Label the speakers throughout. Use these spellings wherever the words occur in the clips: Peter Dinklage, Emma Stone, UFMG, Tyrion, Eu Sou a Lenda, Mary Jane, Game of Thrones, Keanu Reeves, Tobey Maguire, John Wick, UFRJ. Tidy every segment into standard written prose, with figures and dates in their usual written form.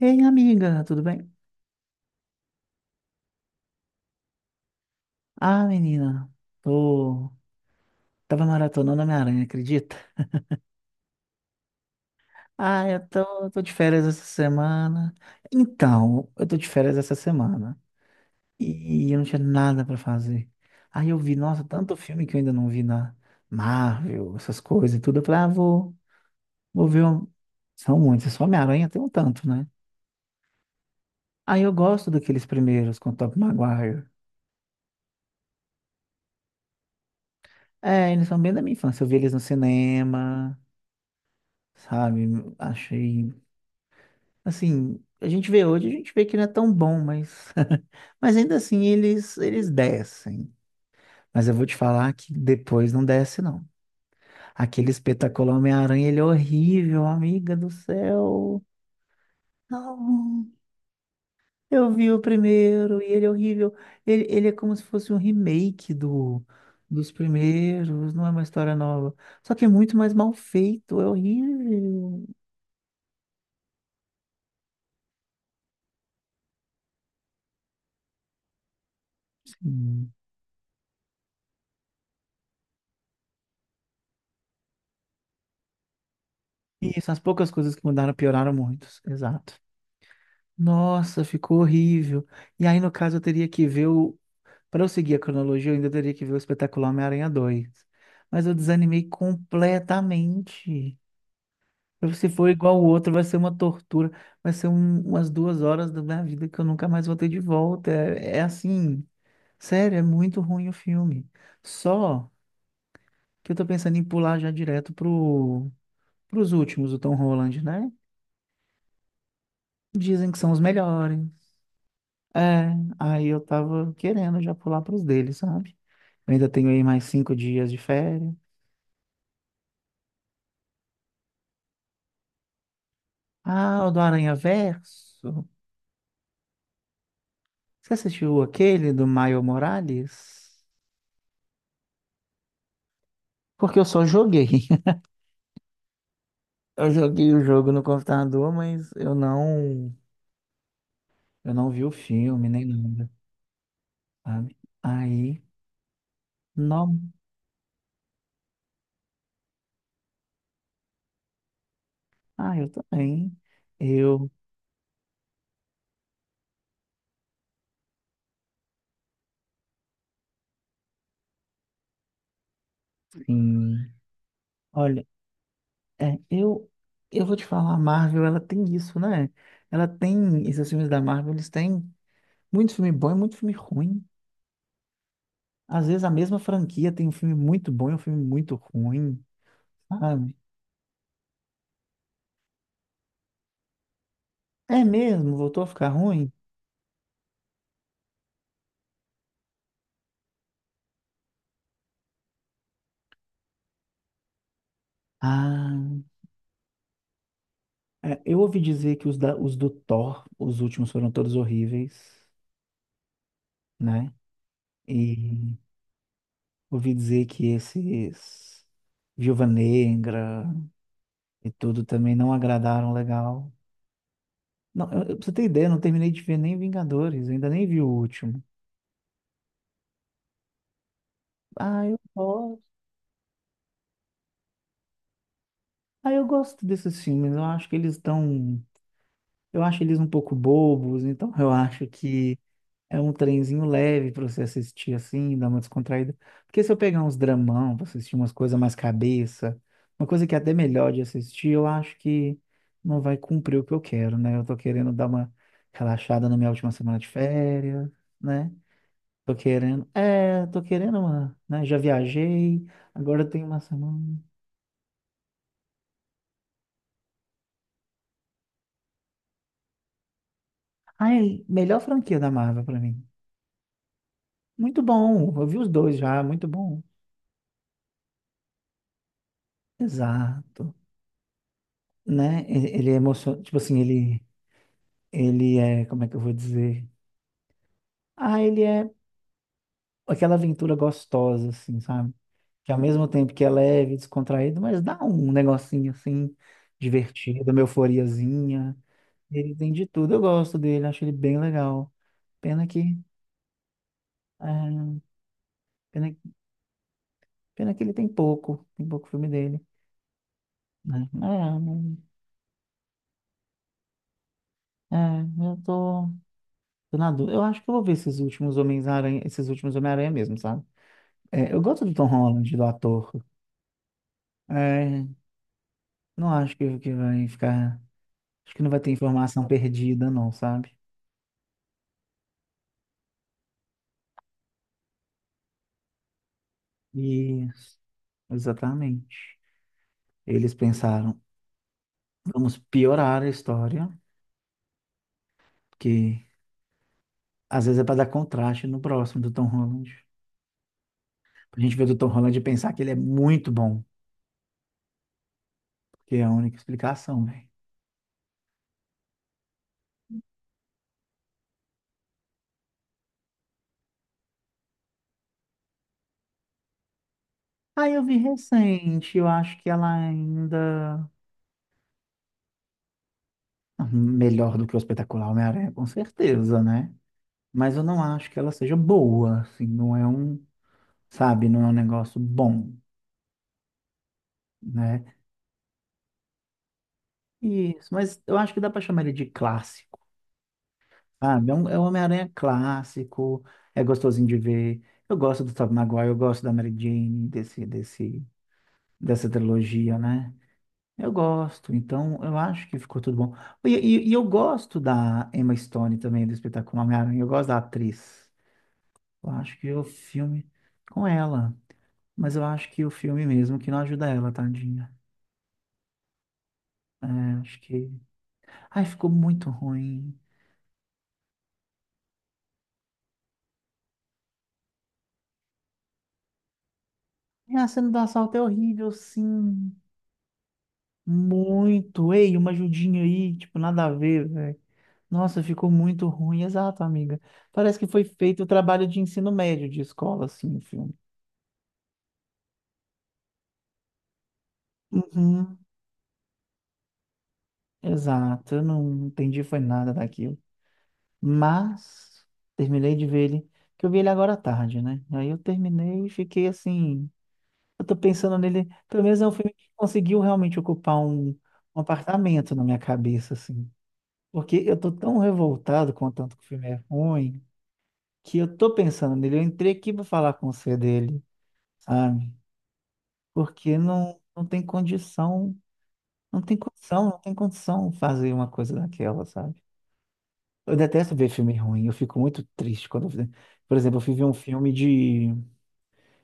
Speaker 1: Ei, amiga, tudo bem? Ah, menina, tô... Tava maratonando Homem-Aranha, acredita? Ah, eu tô de férias essa semana. Então, eu tô de férias essa semana. E eu não tinha nada pra fazer. Aí eu vi, nossa, tanto filme que eu ainda não vi na Marvel, essas coisas e tudo. Eu falei, ah, vou ver um... São muitos, só Homem-Aranha tem um tanto, né? Aí eu gosto daqueles primeiros com o Tobey Maguire. É, eles são bem da minha infância. Eu vi eles no cinema, sabe? Achei assim, a gente vê hoje, a gente vê que não é tão bom, mas, mas ainda assim eles descem. Mas eu vou te falar que depois não desce, não. Aquele espetacular Homem-Aranha, ele é horrível, amiga do céu. Não, eu vi o primeiro e ele é horrível. Ele é como se fosse um remake do, dos primeiros, não é uma história nova. Só que é muito mais mal feito, é horrível. Sim. Isso, as poucas coisas que mudaram pioraram muito. Exato. Nossa, ficou horrível. E aí, no caso, eu teria que ver o. Para eu seguir a cronologia, eu ainda teria que ver o espetáculo Homem-Aranha 2. Mas eu desanimei completamente. Se for igual o outro, vai ser uma tortura. Vai ser umas 2 horas da minha vida que eu nunca mais vou ter de volta. É, é assim, sério, é muito ruim o filme. Só que eu tô pensando em pular já direto pro, pros últimos, o Tom Holland, né? Dizem que são os melhores. É, aí eu tava querendo já pular pros deles, sabe? Eu ainda tenho aí mais 5 dias de férias. Ah, o do Aranha Verso. Você assistiu aquele do Maio Morales? Porque eu só joguei. Eu joguei o jogo no computador, mas eu não vi o filme nem nada, sabe? Aí, não. Ah, eu também. Eu, sim. Olha, é, eu, eu vou te falar, a Marvel, ela tem isso, né? Ela tem, esses filmes da Marvel, eles têm muito filme bom e muito filme ruim. Às vezes a mesma franquia tem um filme muito bom e um filme muito ruim, sabe? É mesmo? Voltou a ficar ruim? Ah, é, eu ouvi dizer que os do Thor, os últimos foram todos horríveis, né? E ouvi dizer que esses Viúva Negra e tudo também não agradaram legal. Não, pra você ter ideia, eu não terminei de ver nem Vingadores, eu ainda nem vi o último. Ah, eu gosto. Ah, eu gosto desses filmes, eu acho que eles estão. Eu acho eles um pouco bobos, então eu acho que é um trenzinho leve para você assistir assim, dar uma descontraída. Porque se eu pegar uns dramão pra assistir umas coisas mais cabeça, uma coisa que é até melhor de assistir, eu acho que não vai cumprir o que eu quero, né? Eu tô querendo dar uma relaxada na minha última semana de férias, né? Tô querendo, é, tô querendo uma, né? Já viajei, agora tem uma semana. Ai, melhor franquia da Marvel pra mim. Muito bom, eu vi os dois já, muito bom. Exato. Né? Ele é emocionante, tipo assim, ele é, como é que eu vou dizer? Ah, ele é aquela aventura gostosa, assim, sabe? Que ao mesmo tempo que é leve, descontraído, mas dá um negocinho assim, divertido, uma euforiazinha. Ele tem de tudo, eu gosto dele, acho ele bem legal. Pena que, é, pena, pena que ele tem pouco filme dele, né? É, eu tô, tô na dúvida. Eu acho que eu vou ver esses últimos Homens-Aranha, esses últimos Homem-Aranha mesmo, sabe? É, eu gosto do Tom Holland, do ator. É, não acho que vai ficar. Acho que não vai ter informação perdida, não, sabe? Isso, exatamente. Eles pensaram, vamos piorar a história, que às vezes é para dar contraste no próximo do Tom Holland. Pra gente ver do Tom Holland e pensar que ele é muito bom, que é a única explicação, velho. Ah, eu vi recente, eu acho que ela ainda. Ah, melhor do que o espetacular Homem-Aranha, com certeza, né? Mas eu não acho que ela seja boa, assim, não é um, sabe, não é um negócio bom, né? Isso, mas eu acho que dá pra chamar ele de clássico, sabe? É um Homem-Aranha clássico, é gostosinho de ver. Eu gosto do Tobey Maguire, eu gosto da Mary Jane, dessa trilogia, né? Eu gosto, então eu acho que ficou tudo bom. E eu gosto da Emma Stone também, do espetáculo Homem-Aranha, eu gosto da atriz. Eu acho que o filme com ela. Mas eu acho que o filme mesmo que não ajuda ela, tadinha. É, acho que. Ai, ficou muito ruim. E a cena do assalto é horrível, sim. Muito. Ei, uma ajudinha aí, tipo, nada a ver, velho. Nossa, ficou muito ruim. Exato, amiga. Parece que foi feito o trabalho de ensino médio de escola, assim, o filme. Uhum, exato. Eu não entendi, foi nada daquilo. Mas terminei de ver ele, que eu vi ele agora à tarde, né? Aí eu terminei e fiquei assim. Eu tô pensando nele, pelo menos é um filme que conseguiu realmente ocupar um apartamento na minha cabeça, assim. Porque eu tô tão revoltado com o tanto que o filme é ruim, que eu tô pensando nele. Eu entrei aqui pra falar com você dele, sabe? Porque não tem condição, não tem condição, não tem condição fazer uma coisa daquela, sabe? Eu detesto ver filme ruim, eu fico muito triste quando eu... Por exemplo, eu fui ver um filme de.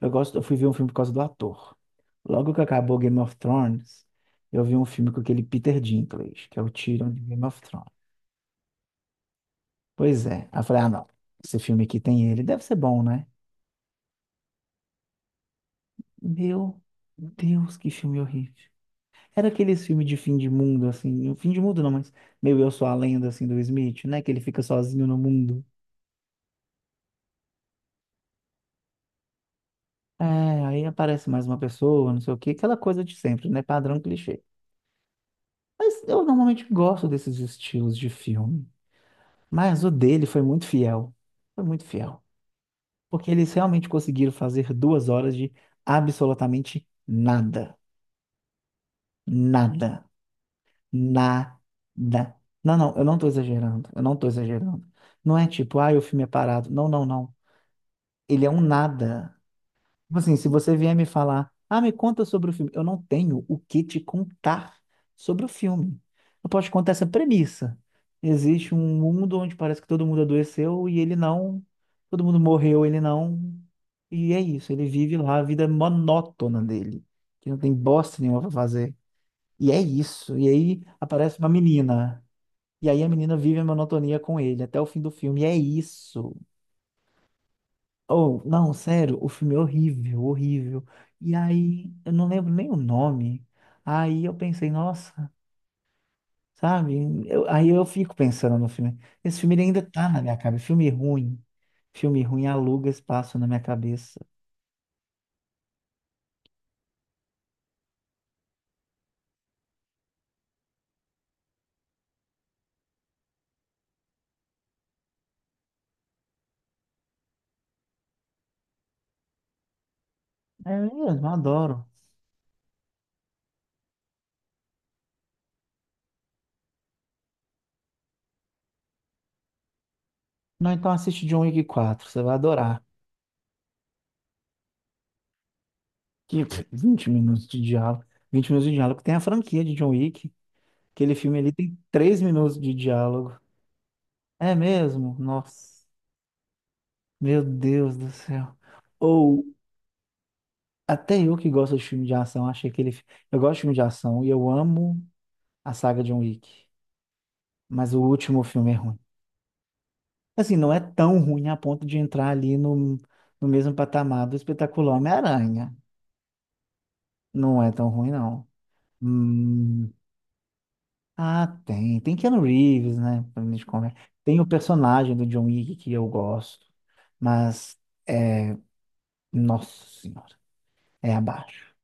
Speaker 1: Eu gosto, eu fui ver um filme por causa do ator. Logo que acabou Game of Thrones, eu vi um filme com aquele Peter Dinklage, que é o Tyrion de Game of Thrones. Pois é. Aí eu falei, ah, não, esse filme aqui tem ele, deve ser bom, né? Meu Deus, que filme horrível. Era aqueles filmes de fim de mundo, assim, fim de mundo não, mas meio Eu Sou a Lenda, assim, do Smith, né? Que ele fica sozinho no mundo. É, aí aparece mais uma pessoa, não sei o quê, aquela coisa de sempre, né? Padrão clichê. Mas eu normalmente gosto desses estilos de filme. Mas o dele foi muito fiel. Foi muito fiel. Porque eles realmente conseguiram fazer 2 horas de absolutamente nada. Nada. Nada. Não, eu não tô exagerando. Eu não tô exagerando. Não é tipo, ah, o filme é parado. Não, não, não. Ele é um nada. Tipo assim, se você vier me falar, ah, me conta sobre o filme, eu não tenho o que te contar sobre o filme. Eu posso te contar essa premissa. Existe um mundo onde parece que todo mundo adoeceu e ele não, todo mundo morreu, ele não. E é isso, ele vive lá a vida monótona dele, que não tem bosta nenhuma pra fazer. E é isso. E aí aparece uma menina. E aí a menina vive a monotonia com ele até o fim do filme. E é isso. Oh, não, sério, o filme é horrível, horrível. E aí, eu não lembro nem o nome. Aí eu pensei, nossa, sabe? Aí eu fico pensando no filme. Esse filme ele ainda tá na minha cabeça. Filme ruim. Filme ruim aluga espaço na minha cabeça. É mesmo, eu adoro. Não, então assiste John Wick 4 você vai adorar. Que 20 minutos de diálogo. 20 minutos de diálogo. Tem a franquia de John Wick. Aquele filme ali tem 3 minutos de diálogo. É mesmo? Nossa, meu Deus do céu. Ou Até eu que gosto de filme de ação, achei que ele. Eu gosto de filme de ação e eu amo a saga John Wick. Mas o último filme é ruim. Assim, não é tão ruim a ponto de entrar ali no, no mesmo patamar do espetacular Homem-Aranha. Não é tão ruim, não. Hum, ah, tem. Tem Keanu Reeves, né? Tem o personagem do John Wick que eu gosto. Mas é. Nossa Senhora. É abaixo.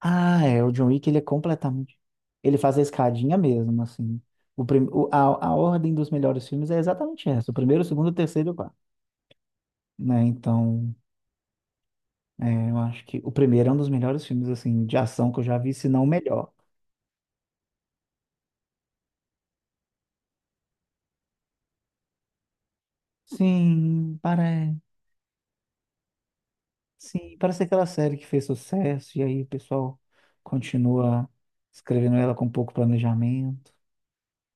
Speaker 1: Ah, é, o John Wick, ele é completamente... Ele faz a escadinha mesmo, assim. O prim... o- a ordem dos melhores filmes é exatamente essa. O primeiro, o segundo, o terceiro e o quarto. Né? Então, é, eu acho que o primeiro é um dos melhores filmes, assim, de ação que eu já vi, se não o melhor. Sim, parece. Sim, parece aquela série que fez sucesso e aí o pessoal continua escrevendo ela com pouco planejamento,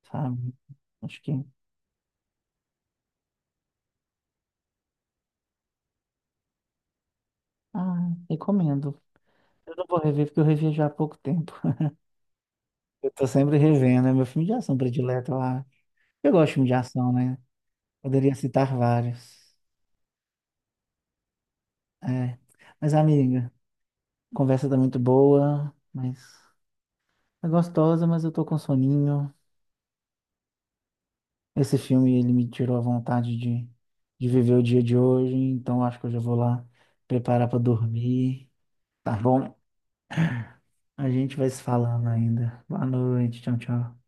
Speaker 1: sabe? Acho que... Ah, recomendo. Eu não vou rever porque eu revi já há pouco tempo. Eu tô sempre revendo, é meu filme de ação predileto, eu acho. Eu gosto de filme de ação, né? Poderia citar vários. É. Mas, amiga, a conversa tá muito boa, mas é gostosa, mas eu tô com soninho. Esse filme, ele me tirou a vontade de viver o dia de hoje, então acho que eu já vou lá preparar pra dormir, tá bom? A gente vai se falando ainda. Boa noite, tchau, tchau.